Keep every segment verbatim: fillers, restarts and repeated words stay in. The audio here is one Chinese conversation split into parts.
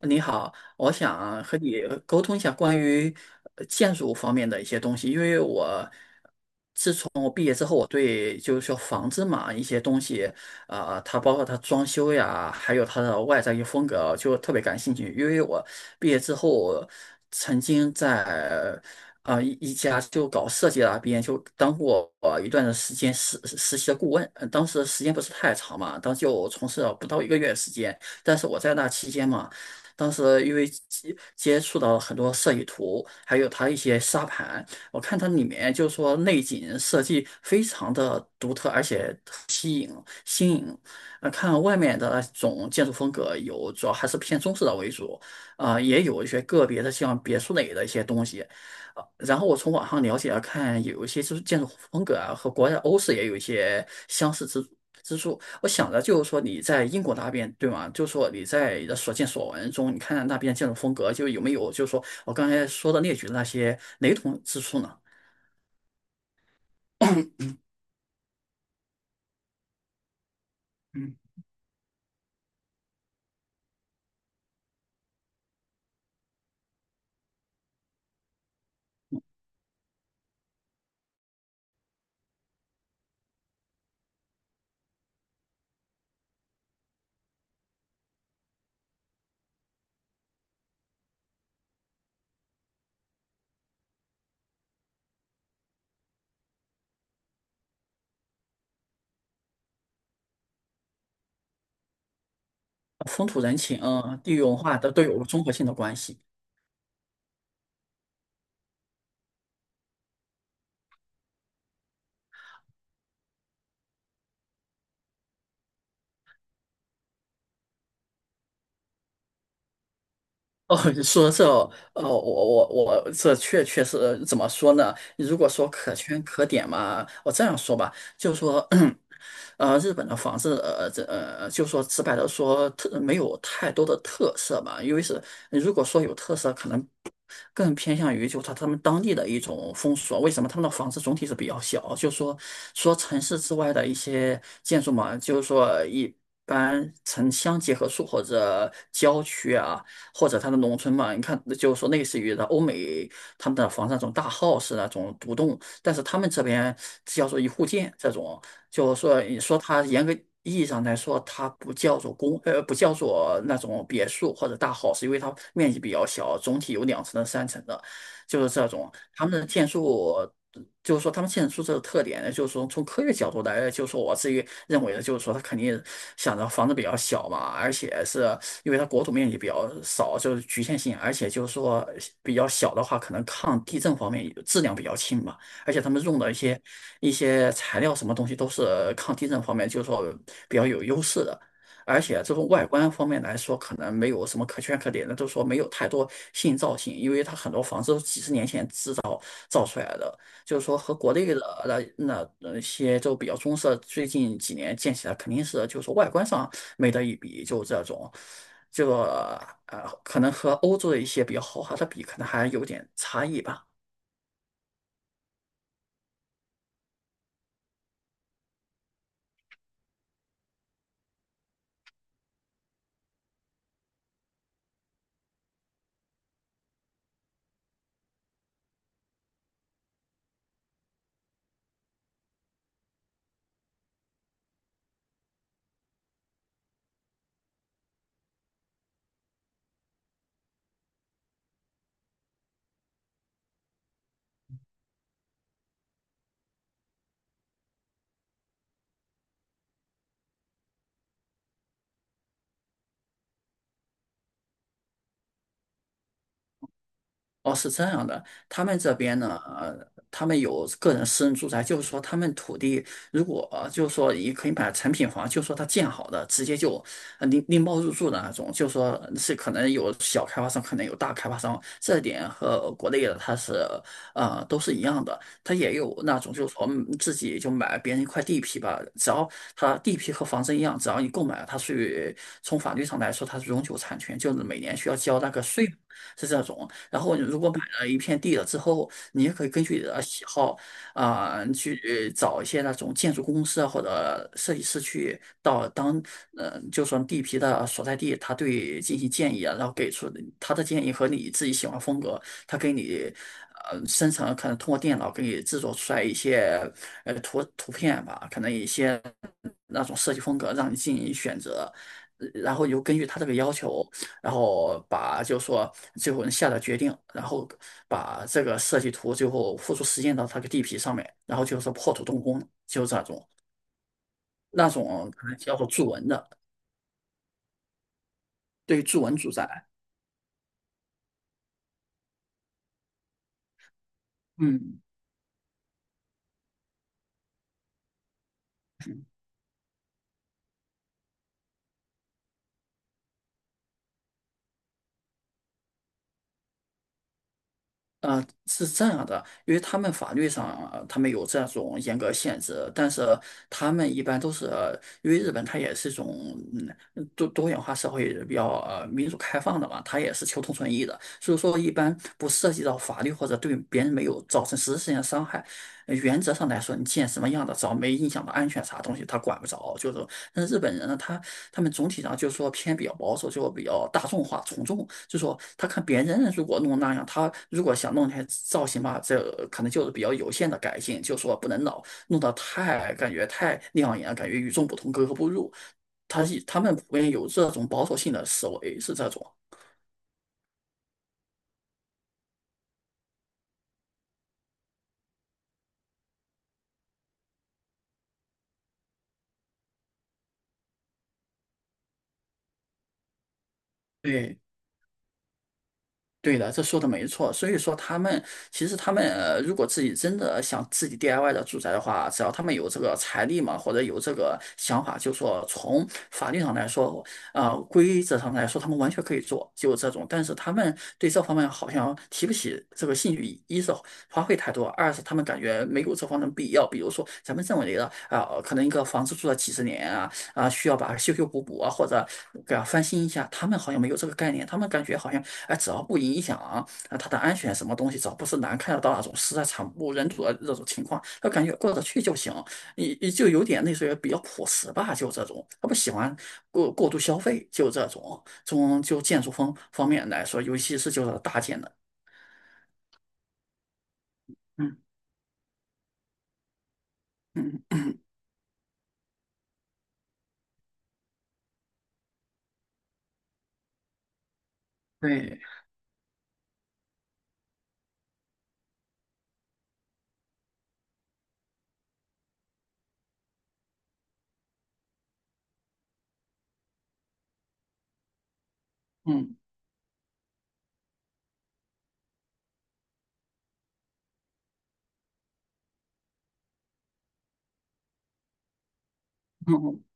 你好，我想和你呃沟通一下关于呃建筑方面的一些东西，因为我从我毕业之后，我对就是说房子嘛一些东西，啊、它包括它装修呀，还有它的外在一些风格，就特别感兴趣。因为我毕业之后曾经在啊、一一家就搞设计的那边就当过呃一段的时间实实习的顾问，呃当时时间不是太长嘛，当时就从事了不到一个月时间。但是我在那期间嘛，当时因为接接触到很多设计图，还有它一些沙盘。我看它里面就是说内景设计非常的独特，而且新颖。呃，看外面的那种建筑风格有，主要还是偏中式的为主，啊、也有一些个别的像别墅类的一些东西。呃，然后我从网上了解了看，有一些就是建筑风格啊，和国外的欧式也有一些相似之之处。我想着就是说你在英国那边对吗？就是说你在你的所见所闻中，你看看那边建筑风格，就有没有就是说我刚才说的列举的那些雷同之处呢？呃风土人情，嗯，地域文化的都有个综合性的关系。哦，你说这哦，呃我我我这确确实怎么说呢？如果说可圈可点嘛，我这样说吧，就说，呃，日本的房子，呃，这呃，就说直白的说，特没有太多的特色吧，因为是如果说有特色，可能更偏向于就他他们当地的一种风俗啊。为什么他们的房子总体是比较小？就说说城市之外的一些建筑嘛，就是说一般城乡结合处或者郊区啊。或者它的农村嘛，你看就是说类似于的欧美他们的房子那种大 house 那种独栋，但是他们这边叫做一户建这种，就是说你说它严格。意义上来说，它不叫做公，呃，不叫做那种别墅或者大 house，因为它面积比较小，总体有两层的、三层的。就是这种他们的建筑，呃就是说他们建筑这个特点呢，就是说从科学角度来，就是说我自己认为的，就是说他肯定想着房子比较小嘛，而且是因为它国土面积比较少，就是局限性，而且就是说比较小的话，可能抗地震方面也质量比较轻嘛，而且他们用的一些一些材料什么东西都是抗地震方面就是说比较有优势的。而且这种外观方面来说，可能没有什么可圈可点的，就是说没有太多新造型，因为它很多房子都是几十年前制造造出来的，就是说和国内的那那那些就比较中式，最近几年建起来肯定是就是外观上没得一比，就这种，这个呃可能和欧洲的一些比较豪华的比，可能还有点差异吧。哦，是这样的，他们这边呢，呃，他们有个人私人住宅，就是说他们土地如果呃就是说也可以买成品房，就是说他建好的，直接就呃拎拎包入住的那种，就是说是可能有小开发商，可能有大开发商，这点和国内的它是呃都是一样的，他也有那种就是说嗯自己就买别人一块地皮吧，只要他地皮和房子一样，只要你购买了，它属于从法律上来说它是永久产权，就是每年需要交那个税。是这种，然后你如果买了一片地了之后，你也可以根据你的喜好啊、去找一些那种建筑公司啊或者设计师去到当呃，就说地皮的所在地，他对进行建议啊，然后给出他的建议和你自己喜欢风格，他给你。呃，生成可能通过电脑给你制作出来一些呃图图片吧，可能一些那种设计风格让你进行选择，呃然后又根据他这个要求，然后把就说最后下的决定，然后把这个设计图最后付出实践到他个地皮上面，然后就是破土动工，就是这种那种可能叫做筑文的，对于筑文住宅，嗯。呃，是这样的，因为他们法律上呃他们有这种严格限制，但是他们一般都是，因为日本它也是一种嗯多多元化社会比较呃民主开放的嘛，它也是求同存异的，所以说一般不涉及到法律或者对别人没有造成实质性的伤害。呃原则上来说，你建什么样的，只要没影响到安全啥东西，他管不着，就是但是日本人呢，他他们总体上就是说偏比较保守，就比较大众化、从众，就说他看别人如果弄那样，他如果想弄那些造型吧，这可能就是比较有限的改进，就说不能老弄得太感觉太亮眼，感觉与众不同、格格不入。他他们普遍有这种保守性的思维，是这种。对。对的，这说的没错。所以说，他们其实他们呃，如果自己真的想自己 D I Y 的住宅的话，只要他们有这个财力嘛，或者有这个想法，就说从法律上来说，啊，规则上来说，他们完全可以做，就这种。但是他们对这方面好像提不起这个兴趣，一是花费太多，二是他们感觉没有这方面的必要。比如说，咱们认为的啊、可能一个房子住了几十年啊，啊，需要把它修修补补啊，或者给它翻新一下，他们好像没有这个概念，他们感觉好像。哎，只要不影响啊它的安全什么东西，只要不是难看得到那种实在惨不忍睹的这种情况，他感觉过得去就行。你你就有点类似于比较朴实吧，就这种，他不喜欢过过度消费，就这种。从就建筑方方面来说，尤其是就是大件的，嗯嗯，嗯对，嗯嗯。嗯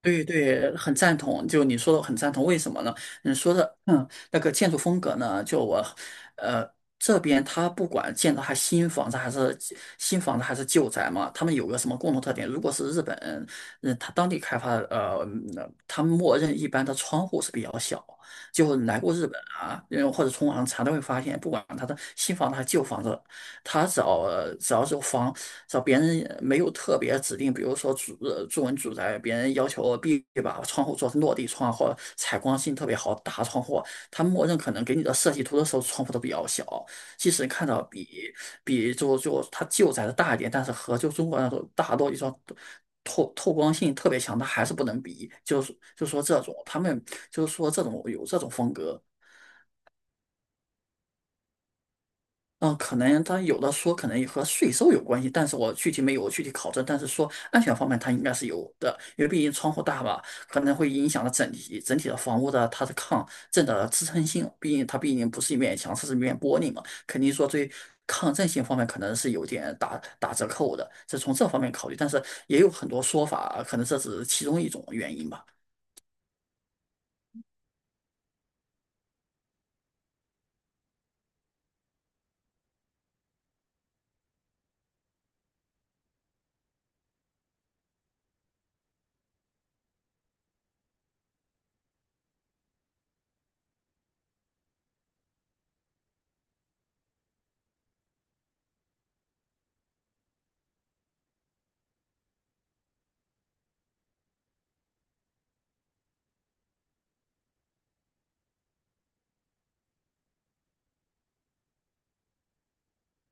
对对，很赞同。就你说的，很赞同。为什么呢？你说的，嗯，那个建筑风格呢，就我，呃，这边它不管建的还新房子还是新房子还是旧宅嘛，他们有个什么共同特点？如果是日本，嗯，他当地开发呃，嗯他们默认一般的窗户是比较小。就来过日本啊，嗯，或者从网上查都会发现，不管他的新房子还是旧房子，他只要只要是房找别人没有特别指定，比如说主呃作文主宅，别人要求必须把窗户做成落地窗或者采光性特别好大窗户，他默认可能给你的设计图的时候窗户都比较小，即使看到比比就就它旧宅的大一点，但是和就中国那种大落地窗。透透光性特别强，它还是不能比，就是就说这种他们就是说这种有这种风格，嗯，呃可能他有的说可能也和税收有关系，但是我具体没有具体考证，但是说安全方面它应该是有的，因为毕竟窗户大吧，可能会影响了整体整体的房屋的它的抗震的支撑性，毕竟它毕竟不是一面墙，是一面玻璃嘛，肯定说对抗震性方面可能是有点打打折扣的，是从这方面考虑，但是也有很多说法，可能这只是其中一种原因吧。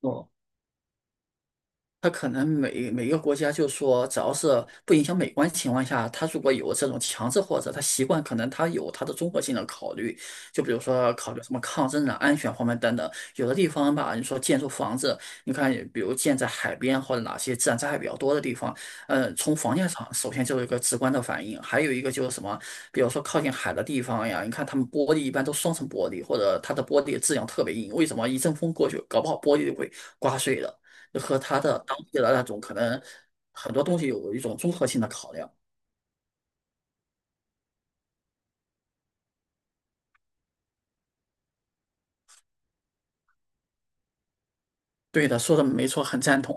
哦。它可能每每个国家就说，只要是不影响美观情况下，它如果有这种强制或者它习惯，可能它有它的综合性的考虑，就比如说考虑什么抗震啊、安全方面等等。有的地方吧，你说建筑房子，你看比如建在海边或者哪些自然灾害比较多的地方，嗯，从房价上首先就有一个直观的反应，还有一个就是什么，比如说靠近海的地方呀，你看他们玻璃一般都双层玻璃，或者它的玻璃质量特别硬，为什么一阵风过去，搞不好玻璃就会刮碎了。和他的当地的那种可能很多东西有一种综合性的考量。对的，说的没错，很赞同。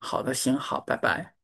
好的，行，好，拜拜。